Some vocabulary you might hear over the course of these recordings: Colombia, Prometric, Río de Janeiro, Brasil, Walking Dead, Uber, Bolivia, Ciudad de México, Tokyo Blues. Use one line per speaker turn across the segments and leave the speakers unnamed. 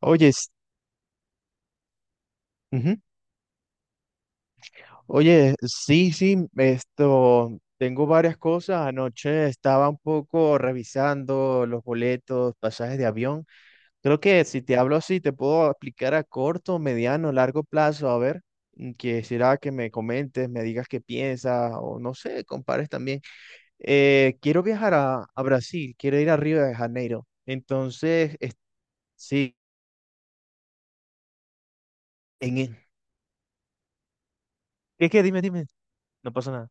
Oye, ujú. Oye, sí, sí, esto, tengo varias cosas. Anoche estaba un poco revisando los boletos, pasajes de avión. Creo que si te hablo así, te puedo aplicar a corto, mediano, largo plazo. A ver, quisiera que me comentes, me digas qué piensas o no sé, compares también. Quiero viajar a Brasil, quiero ir a Río de Janeiro. Entonces, sí, en, e- ¿qué? Dime, dime. No pasa nada.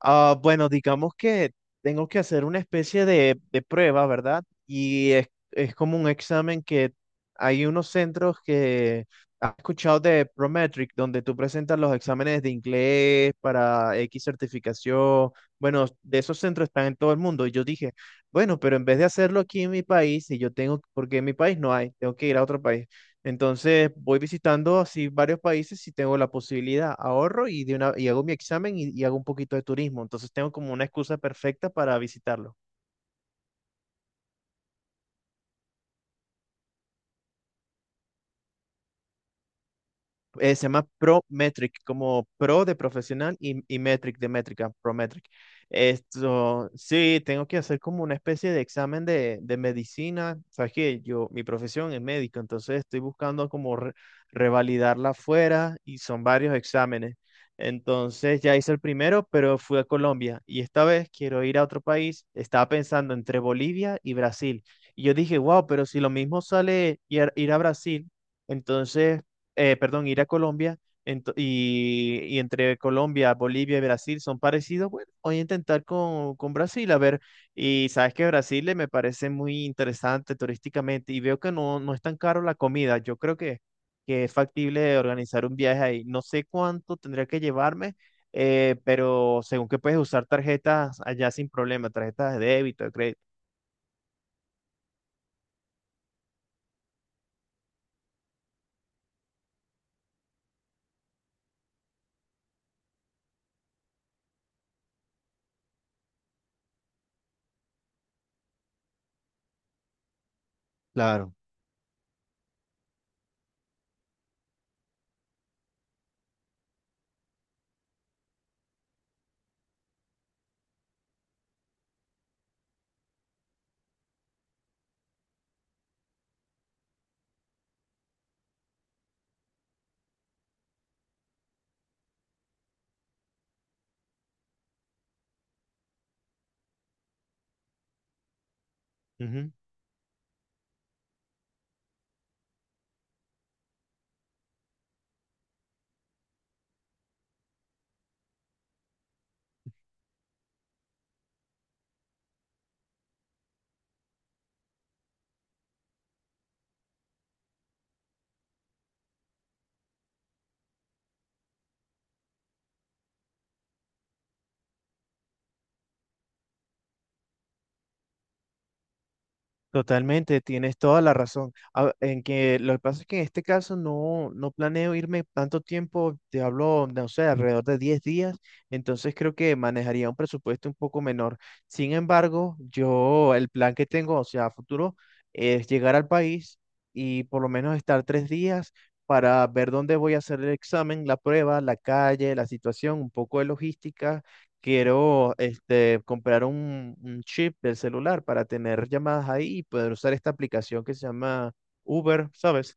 Ah, bueno, digamos que tengo que hacer una especie de prueba, ¿verdad? Y es como un examen que hay unos centros que has escuchado de Prometric, donde tú presentas los exámenes de inglés para X certificación. Bueno, de esos centros están en todo el mundo. Y yo dije, bueno, pero en vez de hacerlo aquí en mi país, si yo tengo, porque en mi país no hay, tengo que ir a otro país. Entonces voy visitando así varios países si tengo la posibilidad, ahorro y, de una, y hago mi examen y hago un poquito de turismo. Entonces tengo como una excusa perfecta para visitarlo. Se llama Prometric, como pro de profesional y metric de métrica, Prometric. Esto, sí, tengo que hacer como una especie de examen de medicina. Sabes que yo, mi profesión es médico, entonces estoy buscando como revalidarla afuera y son varios exámenes. Entonces ya hice el primero, pero fui a Colombia y esta vez quiero ir a otro país. Estaba pensando entre Bolivia y Brasil. Y yo dije, wow, pero si lo mismo sale ir a Brasil, entonces perdón, ir a Colombia, y entre Colombia, Bolivia y Brasil son parecidos, bueno, voy a intentar con Brasil, a ver, y sabes que Brasil me parece muy interesante turísticamente y veo que no, no es tan caro la comida, yo creo que es factible organizar un viaje ahí, no sé cuánto tendría que llevarme. Pero según que puedes usar tarjetas allá sin problema, tarjetas de débito, de crédito. Claro. Ujú. Totalmente, tienes toda la razón. En que lo que pasa es que en este caso no, no planeo irme tanto tiempo, te hablo, no sé, alrededor de 10 días, entonces creo que manejaría un presupuesto un poco menor. Sin embargo, yo el plan que tengo, o sea, a futuro, es llegar al país y por lo menos estar 3 días para ver dónde voy a hacer el examen, la prueba, la calle, la situación, un poco de logística. Quiero, este, comprar un chip del celular para tener llamadas ahí y poder usar esta aplicación que se llama Uber, ¿sabes?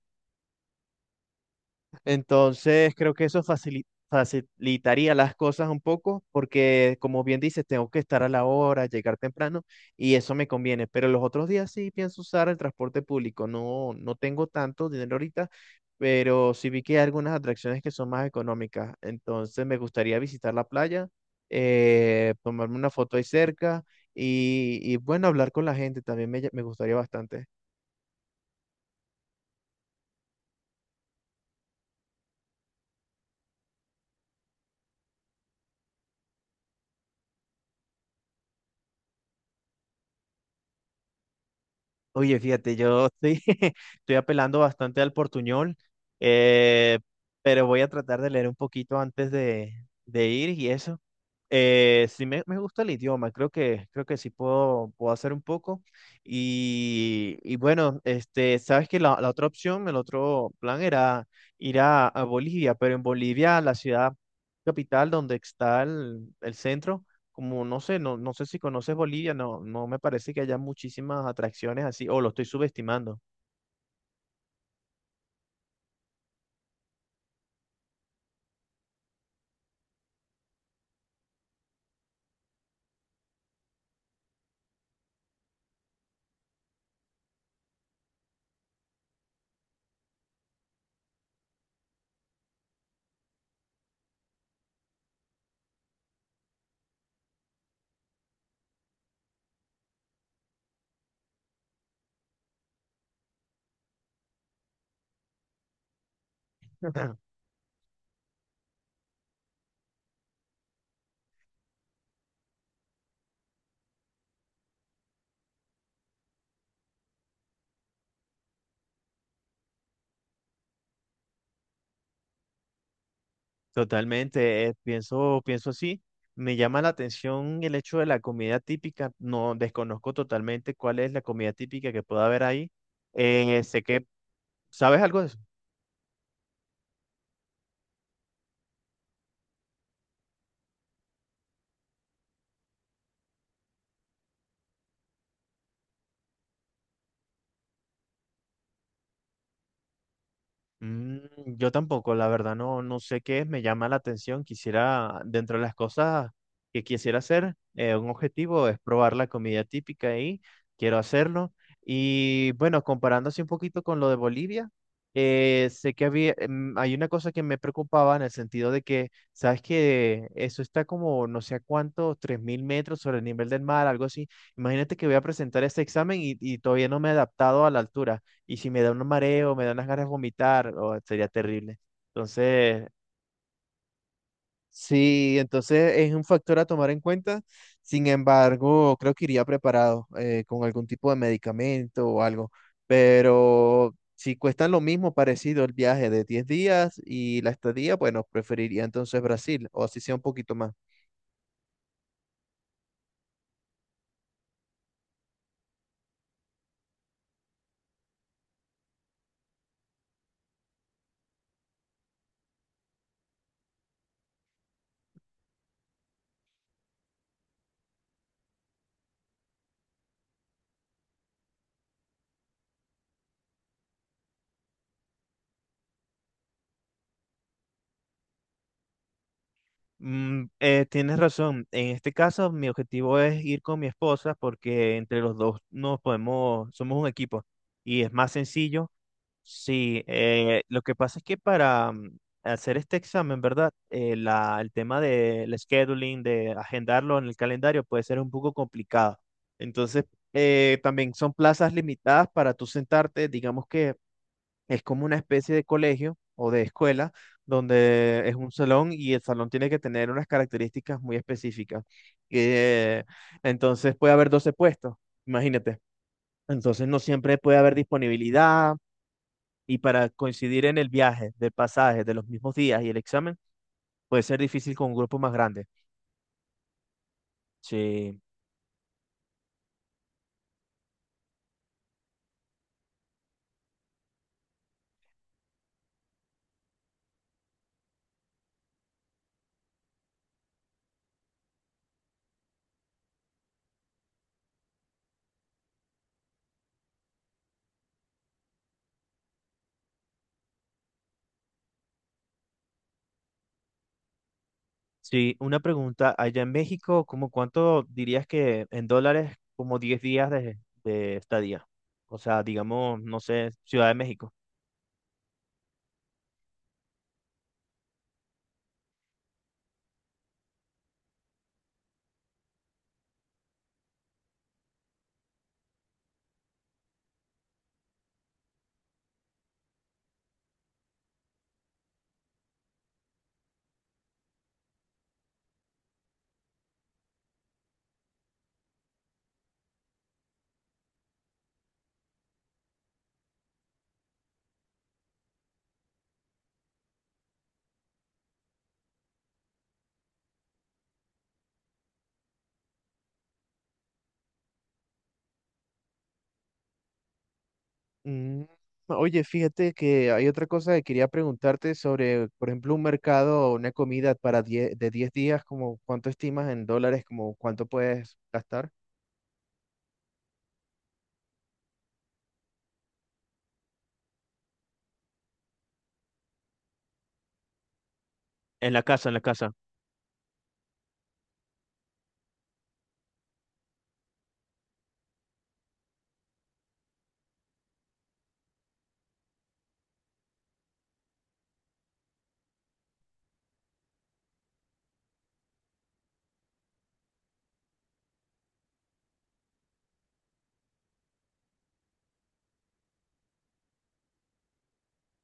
Entonces, creo que eso facilitaría las cosas un poco, porque como bien dices, tengo que estar a la hora, llegar temprano, y eso me conviene. Pero los otros días sí pienso usar el transporte público. No, no tengo tanto dinero ahorita, pero sí vi que hay algunas atracciones que son más económicas. Entonces, me gustaría visitar la playa, tomarme una foto ahí cerca bueno, hablar con la gente también me gustaría bastante. Oye, fíjate, yo estoy, estoy apelando bastante al portuñol. eh, pero voy a tratar de leer un poquito antes de ir y eso. Sí, me gusta el idioma, creo que sí puedo hacer un poco. Y bueno, este, sabes que la otra opción, el otro plan era ir a Bolivia. Pero en Bolivia, la ciudad capital donde está el centro, como no sé, no, no sé si conoces Bolivia, no, no me parece que haya muchísimas atracciones así, o lo estoy subestimando. Totalmente, pienso así. Me llama la atención el hecho de la comida típica. No desconozco totalmente cuál es la comida típica que pueda haber ahí. Eh, sé que, ¿Sabes algo de eso? Mm, yo tampoco, la verdad, no, no sé qué es, me llama la atención. Quisiera, dentro de las cosas que quisiera hacer, un objetivo es probar la comida típica y quiero hacerlo. Y bueno, comparando así un poquito con lo de Bolivia, sé que había, em, hay una cosa que me preocupaba en el sentido de que, sabes que eso está como no sé a cuánto, 3.000 metros sobre el nivel del mar, algo así. Imagínate que voy a presentar este examen y todavía no me he adaptado a la altura. Y si me da un mareo, me da unas ganas de vomitar, oh, sería terrible. Entonces, Sí, entonces es un factor a tomar en cuenta. Sin embargo, creo que iría preparado con algún tipo de medicamento o algo. Pero si cuestan lo mismo, parecido el viaje de 10 días y la estadía, bueno, preferiría entonces Brasil, o así sea un poquito más. Tienes razón. En este caso, mi objetivo es ir con mi esposa porque entre los dos nos podemos, somos un equipo y es más sencillo. Sí, lo que pasa es que para hacer este examen, ¿verdad? El tema del scheduling, de agendarlo en el calendario, puede ser un poco complicado. Entonces, también son plazas limitadas para tú sentarte, digamos que es como una especie de colegio o de escuela, donde es un salón y el salón tiene que tener unas características muy específicas. Eh, entonces, puede haber 12 puestos, imagínate. Entonces no siempre puede haber disponibilidad y para coincidir en el viaje, del pasaje, de los mismos días y el examen, puede ser difícil con un grupo más grande. Sí, sí, una pregunta, allá en México, ¿cómo cuánto dirías que en dólares, como 10 días de estadía? O sea, digamos, no sé, Ciudad de México. Mm, Oye, fíjate que hay otra cosa que quería preguntarte sobre, por ejemplo, un mercado o una comida para 10 de 10 días, como cuánto estimas en dólares, como cuánto puedes gastar. En la casa, en la casa.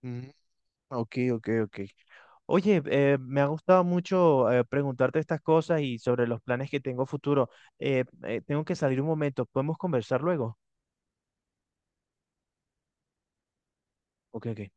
Mm. Ok, ok, ok. Oye, me ha gustado mucho preguntarte estas cosas y sobre los planes que tengo futuro. Tengo que salir un momento. ¿Podemos conversar luego? Ok, ok.